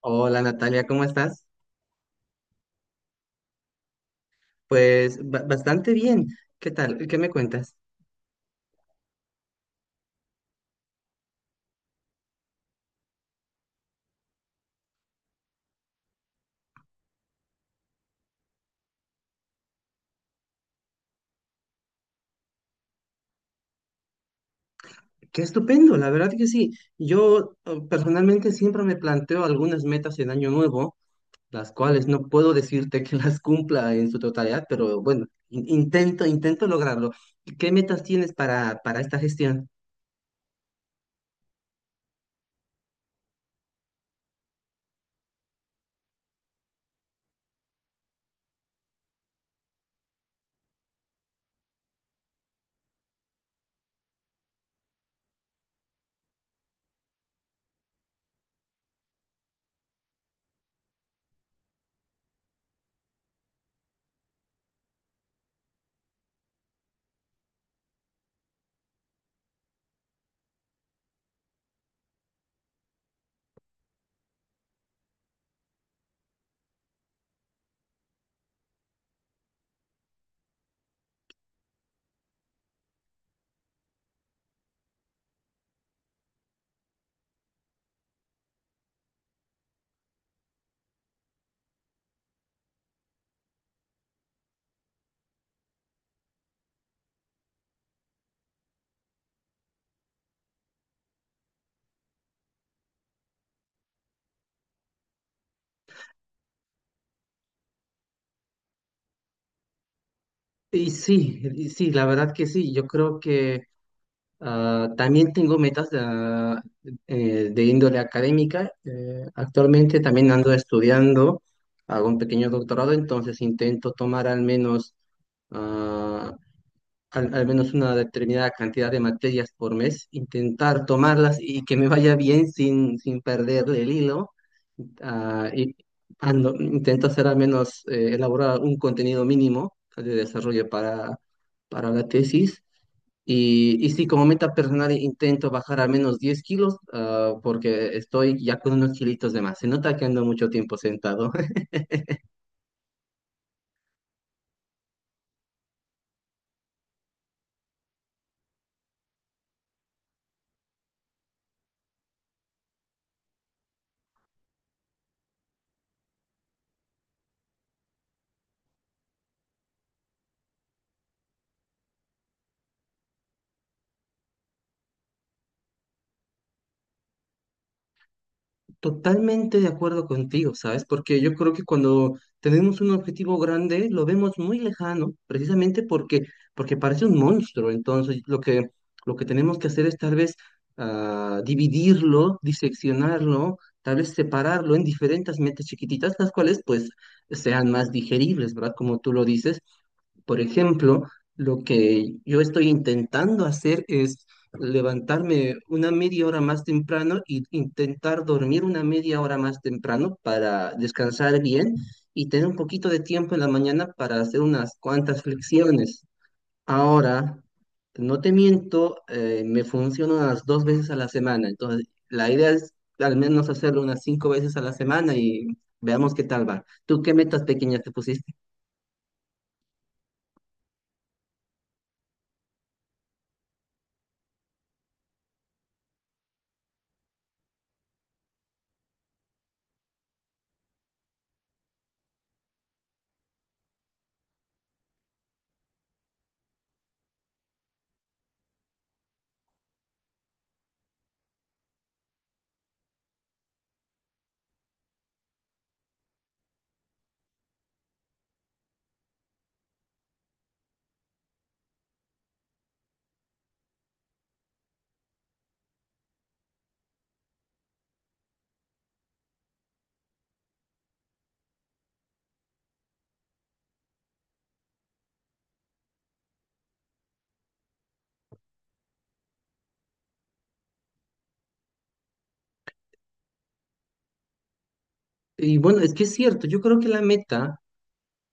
Hola Natalia, ¿cómo estás? Pues bastante bien. ¿Qué tal? ¿Qué me cuentas? Qué estupendo, la verdad que sí. Yo personalmente siempre me planteo algunas metas en año nuevo, las cuales no puedo decirte que las cumpla en su totalidad, pero bueno, intento lograrlo. ¿Qué metas tienes para esta gestión? Y sí, la verdad que sí. Yo creo que ah, también tengo metas de índole académica. Actualmente también ando estudiando, hago un pequeño doctorado, entonces intento tomar al menos, ah, al menos una determinada cantidad de materias por mes, intentar tomarlas y que me vaya bien sin perder el hilo ah, y intento hacer al menos elaborar un contenido mínimo de desarrollo para la tesis. Y sí, como meta personal intento bajar al menos 10 kilos, ah, porque estoy ya con unos kilitos de más. Se nota que ando mucho tiempo sentado. Totalmente de acuerdo contigo, ¿sabes? Porque yo creo que cuando tenemos un objetivo grande lo vemos muy lejano, precisamente porque, porque parece un monstruo. Entonces, lo que tenemos que hacer es tal vez dividirlo, diseccionarlo, tal vez separarlo en diferentes metas chiquititas, las cuales pues sean más digeribles, ¿verdad? Como tú lo dices, por ejemplo, lo que yo estoy intentando hacer es levantarme una media hora más temprano e intentar dormir una media hora más temprano para descansar bien y tener un poquito de tiempo en la mañana para hacer unas cuantas flexiones. Ahora, no te miento, me funciona unas dos veces a la semana, entonces la idea es al menos hacerlo unas cinco veces a la semana y veamos qué tal va. ¿Tú qué metas pequeñas te pusiste? Y bueno, es que es cierto, yo creo que la meta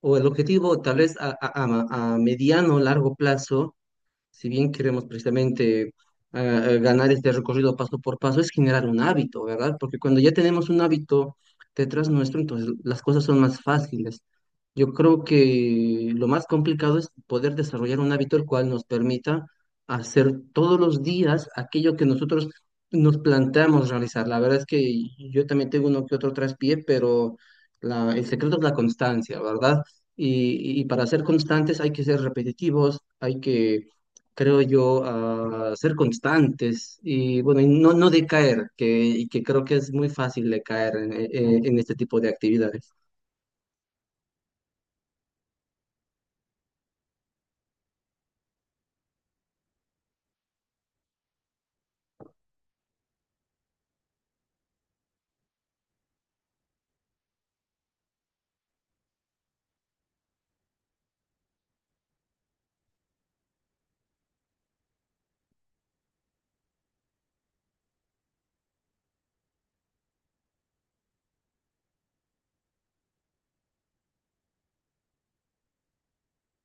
o el objetivo tal vez a mediano o largo plazo si bien queremos precisamente ah, ganar este recorrido paso por paso, es generar un hábito, ¿verdad? Porque cuando ya tenemos un hábito detrás nuestro, entonces las cosas son más fáciles. Yo creo que lo más complicado es poder desarrollar un hábito el cual nos permita hacer todos los días aquello que nosotros nos planteamos realizar. La verdad es que yo también tengo uno que otro traspié, pero el secreto es la constancia, ¿verdad? Y y para ser constantes hay que ser repetitivos, hay que creo yo, a ser constantes y bueno, y no, no decaer, que, y que creo que es muy fácil decaer en este tipo de actividades.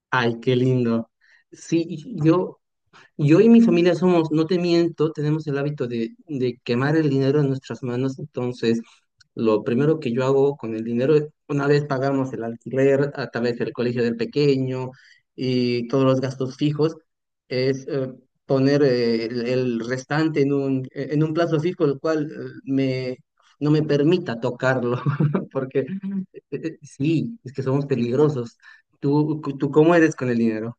Ay, qué lindo. Sí, y yo yo y mi familia somos, no te miento, tenemos el hábito de quemar el dinero en nuestras manos, entonces lo primero que yo hago con el dinero, una vez pagamos el alquiler, a través del colegio del pequeño y todos los gastos fijos, es poner el restante en en un plazo fijo, el cual no me permita tocarlo, porque sí, es que somos peligrosos. Tú cómo eres con el dinero?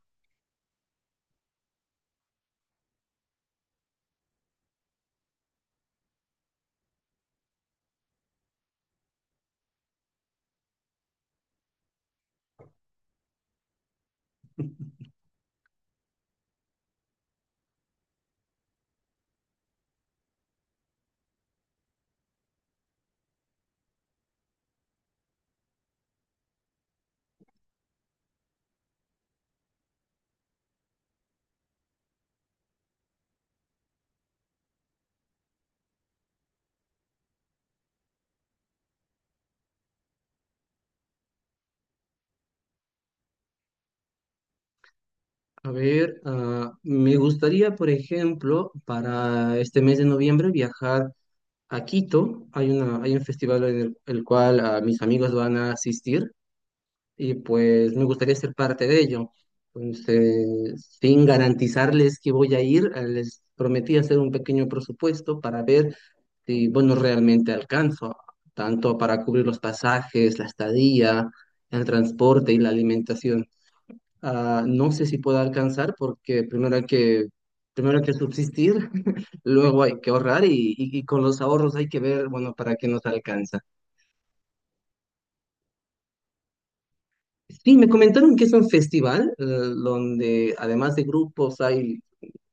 A ver, ah, me gustaría, por ejemplo, para este mes de noviembre viajar a Quito. Hay hay un festival el cual mis amigos van a asistir y pues me gustaría ser parte de ello. Entonces, sin garantizarles que voy a ir, les prometí hacer un pequeño presupuesto para ver si, bueno, realmente alcanzo, tanto para cubrir los pasajes, la estadía, el transporte y la alimentación. Ah, no sé si pueda alcanzar porque primero hay que subsistir, luego hay que ahorrar y, y con los ahorros hay que ver, bueno, para qué nos alcanza. Sí, me comentaron que es un festival donde además de grupos hay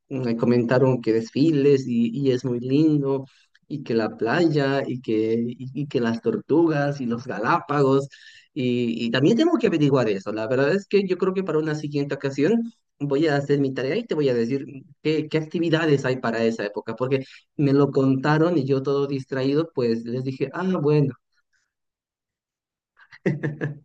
me comentaron que desfiles y es muy lindo, y que la playa, y que las tortugas y los Galápagos, y también tengo que averiguar eso. La verdad es que yo creo que para una siguiente ocasión voy a hacer mi tarea y te voy a decir qué actividades hay para esa época, porque me lo contaron y yo todo distraído, pues les dije, ah, bueno.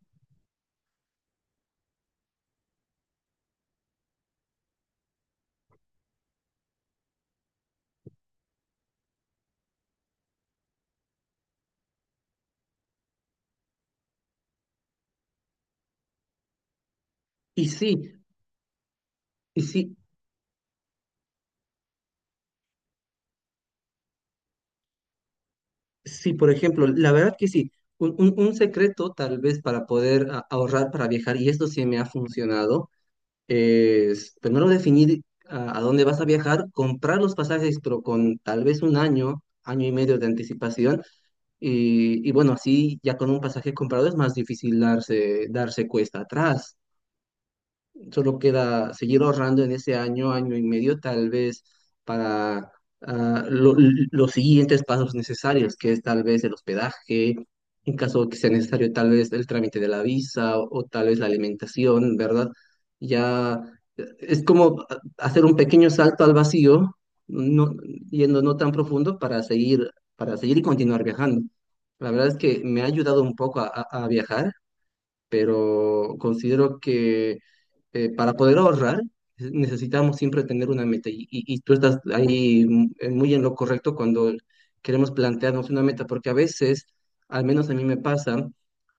Y sí, y sí. Sí, por ejemplo, la verdad que sí. Un secreto tal vez para poder ahorrar para viajar, y esto sí me ha funcionado, es primero definir a dónde vas a viajar, comprar los pasajes, pero con tal vez un año, año y medio de anticipación. Y bueno, así ya con un pasaje comprado es más difícil darse cuesta atrás. Solo queda seguir ahorrando en ese año, año y medio, tal vez para los siguientes pasos necesarios, que es tal vez el hospedaje, en caso que sea necesario, tal vez el trámite de la visa o tal vez la alimentación, ¿verdad? Ya es como hacer un pequeño salto al vacío, no, yendo no tan profundo para seguir y continuar viajando. La verdad es que me ha ayudado un poco a, a viajar, pero considero que para poder ahorrar necesitamos siempre tener una meta y, y tú estás ahí muy en lo correcto cuando queremos plantearnos una meta, porque a veces, al menos a mí me pasa,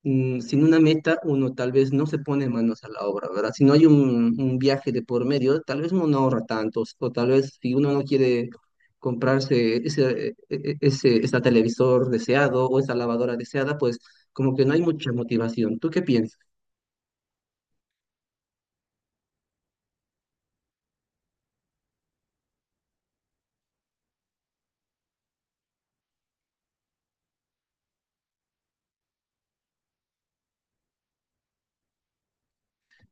sin una meta uno tal vez no se pone manos a la obra, ¿verdad? Si no hay un viaje de por medio, tal vez uno no ahorra tanto, o tal vez si uno no quiere comprarse ese, e- e- ese televisor deseado o esa lavadora deseada, pues como que no hay mucha motivación. ¿Tú qué piensas?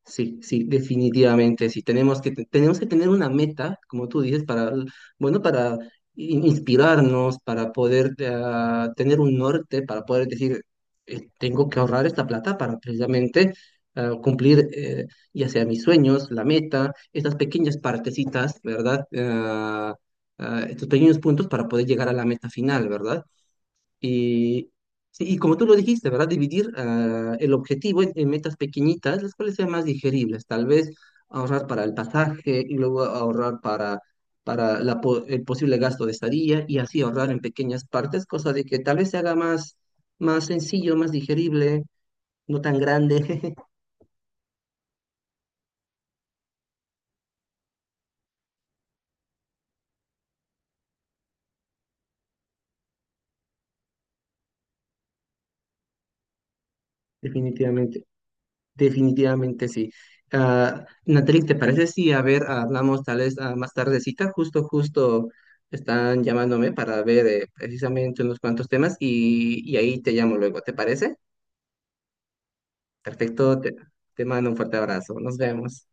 Sí, sí, definitivamente, sí. Tenemos que, tenemos que tener una meta, como tú dices, para, bueno, para inspirarnos, para poder tener un norte, para poder decir, tengo que ahorrar esta plata para precisamente cumplir ya sea mis sueños, la meta, estas pequeñas partecitas, ¿verdad? Ah, ah, estos pequeños puntos para poder llegar a la meta final, ¿verdad? Y, sí, y como tú lo dijiste, ¿verdad? Dividir el objetivo en metas pequeñitas, las cuales sean más digeribles. Tal vez ahorrar para el pasaje y luego ahorrar para la el posible gasto de estadía y así ahorrar en pequeñas partes, cosa de que tal vez se haga más, más sencillo, más digerible, no tan grande, definitivamente. Definitivamente sí. Ah, Natalie, ¿te parece si, a ver, hablamos tal vez más tardecita? Justo están llamándome para ver precisamente unos cuantos temas y ahí te llamo luego, ¿te parece? Perfecto, te mando un fuerte abrazo. Nos vemos.